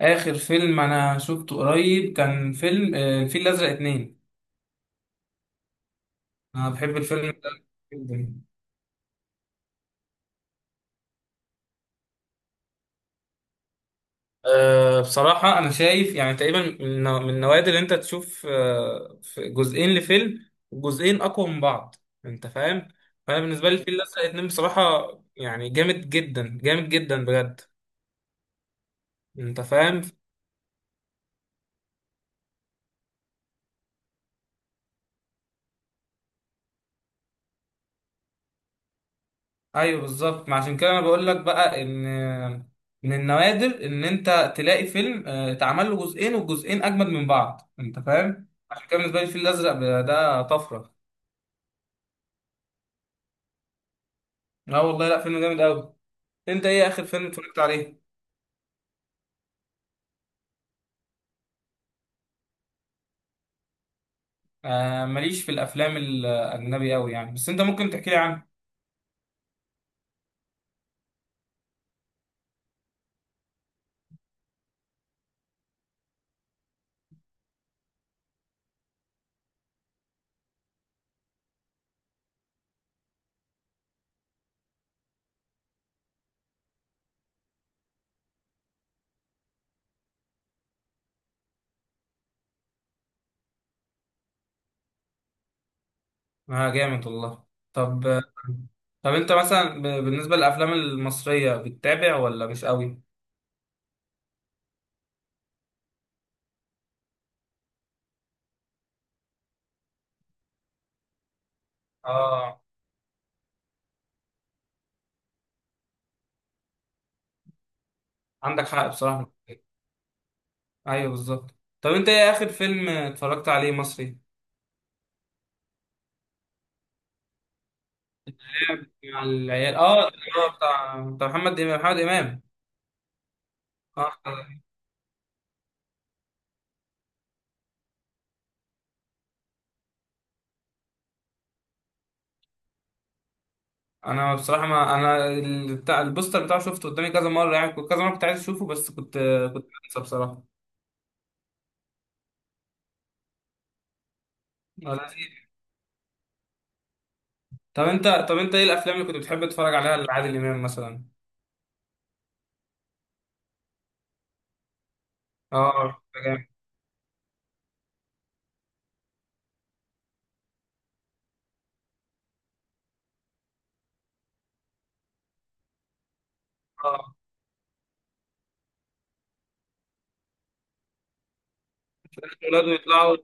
آخر فيلم أنا شفته قريب كان فيلم الفيل الأزرق اتنين. أنا بحب الفيلم ده جدا. بصراحة أنا شايف يعني تقريبا من النوادر اللي أنت تشوف في جزئين لفيلم. جزئين أقوى من بعض. أنت فاهم؟ فأنا بالنسبة لي الفيل الأزرق اتنين بصراحة، يعني جامد جدا جامد جدا بجد. أنت فاهم؟ ايوه بالظبط، ما عشان كده انا بقول لك بقى ان من النوادر ان انت تلاقي فيلم اتعمل له جزئين والجزئين اجمد من بعض، انت فاهم، عشان كده بالنسبه لي الفيل الازرق ده طفره. لا والله، لا فيلم جامد قوي. انت ايه اخر فيلم اتفرجت عليه؟ ماليش في الافلام الاجنبي قوي يعني، بس انت ممكن تحكي لي عنه. اه جامد والله. طب طب انت مثلا بالنسبه للافلام المصريه بتتابع ولا مش قوي؟ اه عندك حق بصراحه. ايوه بالظبط. طب انت ايه اخر فيلم اتفرجت عليه مصري؟ مع العيال، اه اه. بتاع محمد محمد امام. اه، انا بصراحه ما انا ال- بتاع البوستر بتاعه شفته قدامي كذا مره، يعني كنت كذا مره كنت عايز اشوفه، بس كنت، كنت بنسى بصراحه. لذيذ. طب انت ايه الافلام اللي كنت بتحب تتفرج عليها لعادل امام مثلا؟ اه ده جامد. اه. ولاده يطلعوا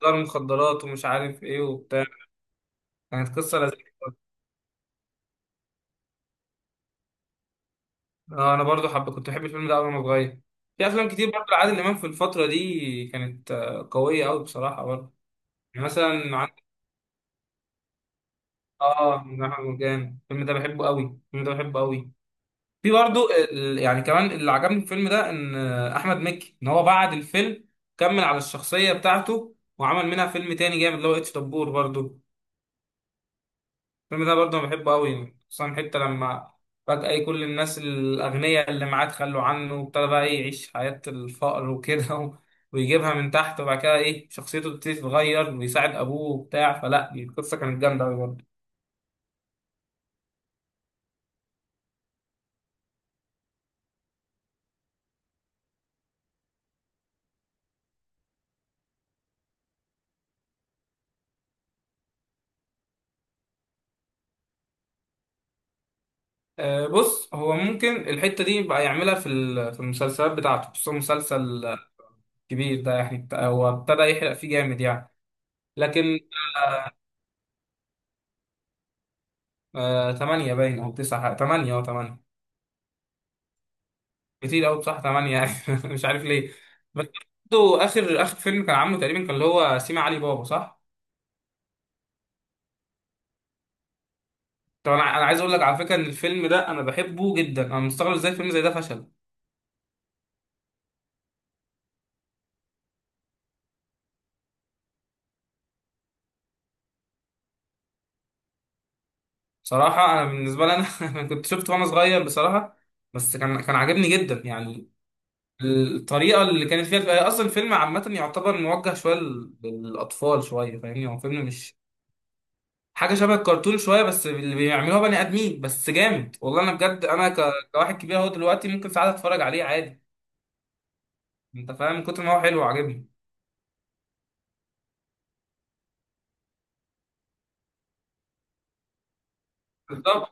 تجار مخدرات ومش عارف ايه وبتاع. كانت قصه لذيذه. اه انا برضو كنت بحب الفيلم ده أوي وانا صغير. في افلام كتير برضو لعادل امام في الفتره دي كانت قويه قوي بصراحه برضو. يعني مثلا عندك. اه جناح مرجان، الفيلم ده بحبه قوي، الفيلم ده بحبه قوي. في برضو يعني كمان اللي عجبني في الفيلم ده ان احمد مكي، ان هو بعد الفيلم كمل على الشخصيه بتاعته وعمل منها فيلم تاني جامد اللي هو اتش دبور برضو. الفيلم ده برضه أنا بحبه قوي، خصوصا حتة لما فجأة إيه كل الناس الأغنياء اللي معاه تخلوا عنه وابتدى بقى إيه يعيش حياة الفقر وكده ويجيبها من تحت، وبعد كده إيه شخصيته بتبتدي تتغير ويساعد أبوه وبتاع، فلا دي القصة كانت جامدة أوي برضه. بص هو ممكن الحتة دي بقى يعملها في في المسلسلات بتاعته، خصوصا مسلسل كبير ده يعني هو ابتدى يحرق فيه جامد يعني. لكن تمانية باين، أو تسعة تمانية، أو تمانية. كتير قوي بصراحه 8 يعني مش عارف ليه. بس برضه اخر فيلم كان عامله تقريبا كان اللي هو سيما علي بابا، صح؟ طب انا عايز اقول لك على فكره ان الفيلم ده انا بحبه جدا، انا مستغرب ازاي فيلم زي ده فشل. بصراحه انا بالنسبه لي انا انا كنت شفته وانا صغير بصراحه. بس كان عاجبني جدا يعني. الطريقه اللي كانت فيها اصلا الفيلم عامه يعتبر موجه شويه للاطفال شويه، فاهمني هو فيلم مش حاجه، شبه الكرتون شويه بس اللي بيعملوها بني ادمين، بس جامد والله انا بجد انا كواحد كبير اهو دلوقتي ممكن ساعات اتفرج عليه عادي. انت فاهم، من كتر ما هو حلو وعاجبني. بالظبط.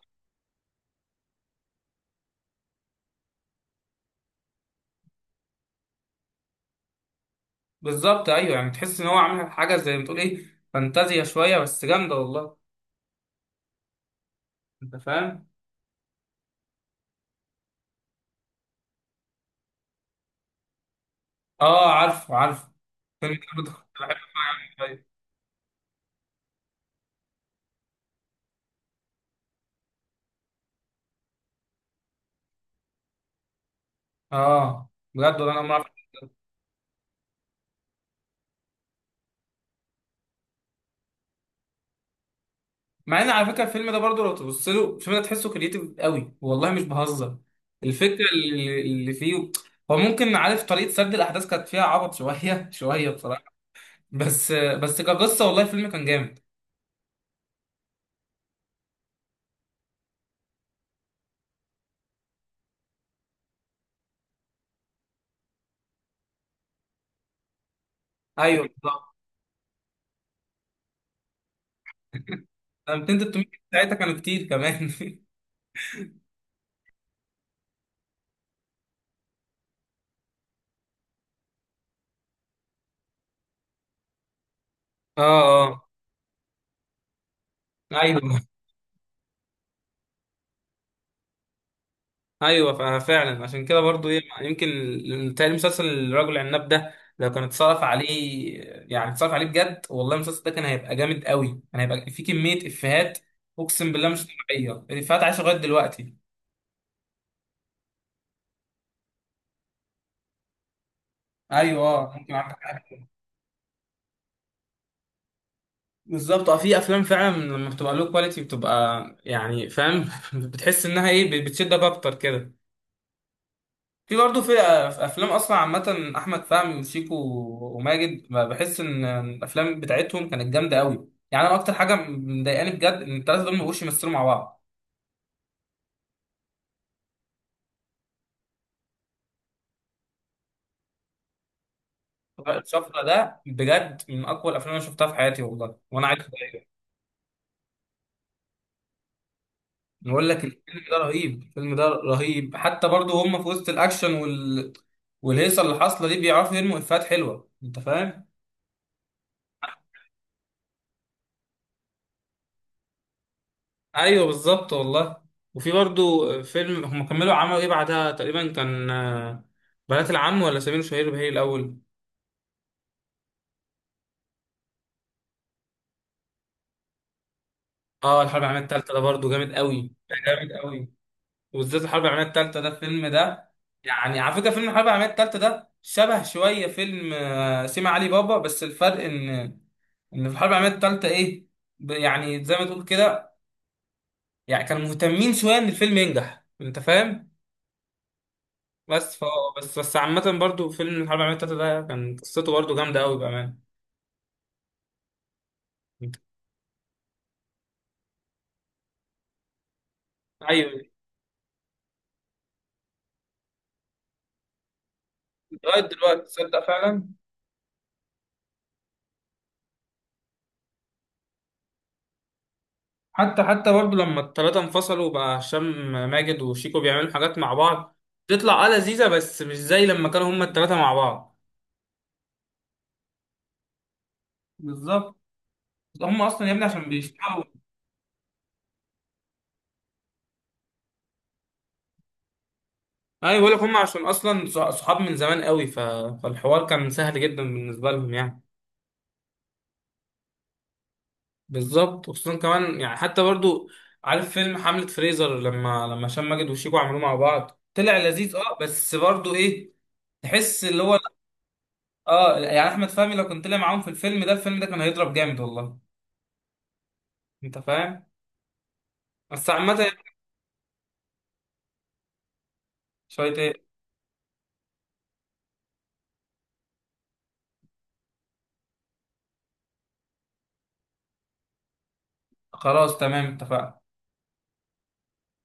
بالظبط ايوه، يعني تحس ان هو عامل حاجه زي ما تقول ايه، فانتازيا شويه بس جامده والله. انت فاهم. اه عارفه عارفه. فيلم كده كنت بحب اتفرج عليه شوية. اه بجد والله، انا ما... مع ان على فكره الفيلم ده برضه لو تبص له الفيلم ده تحسه كريتيف قوي، والله مش بهزر. الفكره اللي فيه. هو ممكن عارف طريقه سرد الاحداث كانت فيها عبط شويه شويه بصراحه. بس كقصه والله الفيلم كان جامد. ايوه بالظبط. 200 300 ساعتها كانوا كتير كمان. اه اه. ايوه ايوه فعلا عشان كده برضو ايه، يمكن تاني مسلسل الرجل العناب ده لو كان اتصرف عليه، يعني اتصرف عليه بجد والله، المسلسل ده كان هيبقى جامد قوي، كان هيبقى فيه كمية افيهات اقسم بالله مش طبيعية، الافيهات عايشة لغاية دلوقتي. ايوه ممكن عندك حاجة. بالظبط، اه في افلام فعلا لما بتبقى له كواليتي بتبقى يعني فاهم بتحس انها ايه بتشدك اكتر كده. في في افلام اصلا عامه احمد فهمي وشيكو وماجد، ما بحس ان الافلام بتاعتهم كانت جامده قوي يعني، انا اكتر حاجه مضايقاني بجد ان الثلاثه دول ما بقوش يمثلوا مع بعض. الشفرة ده بجد من اقوى الافلام اللي شفتها في حياتي والله، وانا عايز أغير. بقول لك الفيلم ده رهيب، الفيلم ده رهيب، حتى برضه هم في وسط الاكشن والهيصه اللي حاصله دي بيعرفوا يرموا افيهات حلوه، انت فاهم. ايوه بالظبط والله. وفي برضو فيلم هم كملوا عملوا ايه بعدها، تقريبا كان بنات العم ولا سمير وشهير وبهير الاول. اه الحرب العالميه الثالثه ده برضو جامد قوي، ده جامد قوي. وبالذات الحرب العالميه الثالثه ده الفيلم ده. يعني على فكره فيلم الحرب العالميه الثالثه ده شبه شويه فيلم سيما علي بابا، بس الفرق ان في الحرب العالميه الثالثه ايه، يعني زي ما تقول كده، يعني كانوا مهتمين شويه ان الفيلم ينجح، انت فاهم. بس ف بس عامة برضو فيلم الحرب العالمية التالتة ده كان قصته برضو جامدة أوي بأمانة. أيوة. لغاية دلوقتي تصدق فعلا؟ حتى برضو لما التلاتة انفصلوا بقى هشام ماجد وشيكو بيعملوا حاجات مع بعض، تطلع آه لذيذة، بس مش زي لما كانوا هما التلاتة مع بعض. بالظبط. هما أصلا يا ابني عشان بيشتغلوا. أيوة بقول لك، هما عشان أصلا صحاب من زمان أوي، فالحوار كان سهل جدا بالنسبة لهم يعني. بالظبط وخصوصا كمان يعني، حتى برضو عارف فيلم حملة فريزر، لما هشام ماجد وشيكو عملوه مع بعض طلع لذيذ، اه بس برضو ايه تحس اللي هو. اه يعني احمد فهمي لو كان طلع معاهم في الفيلم ده، الفيلم ده كان هيضرب جامد والله، انت فاهم. بس عامة يعني، شوية ايه، خلاص تمام اتفقنا.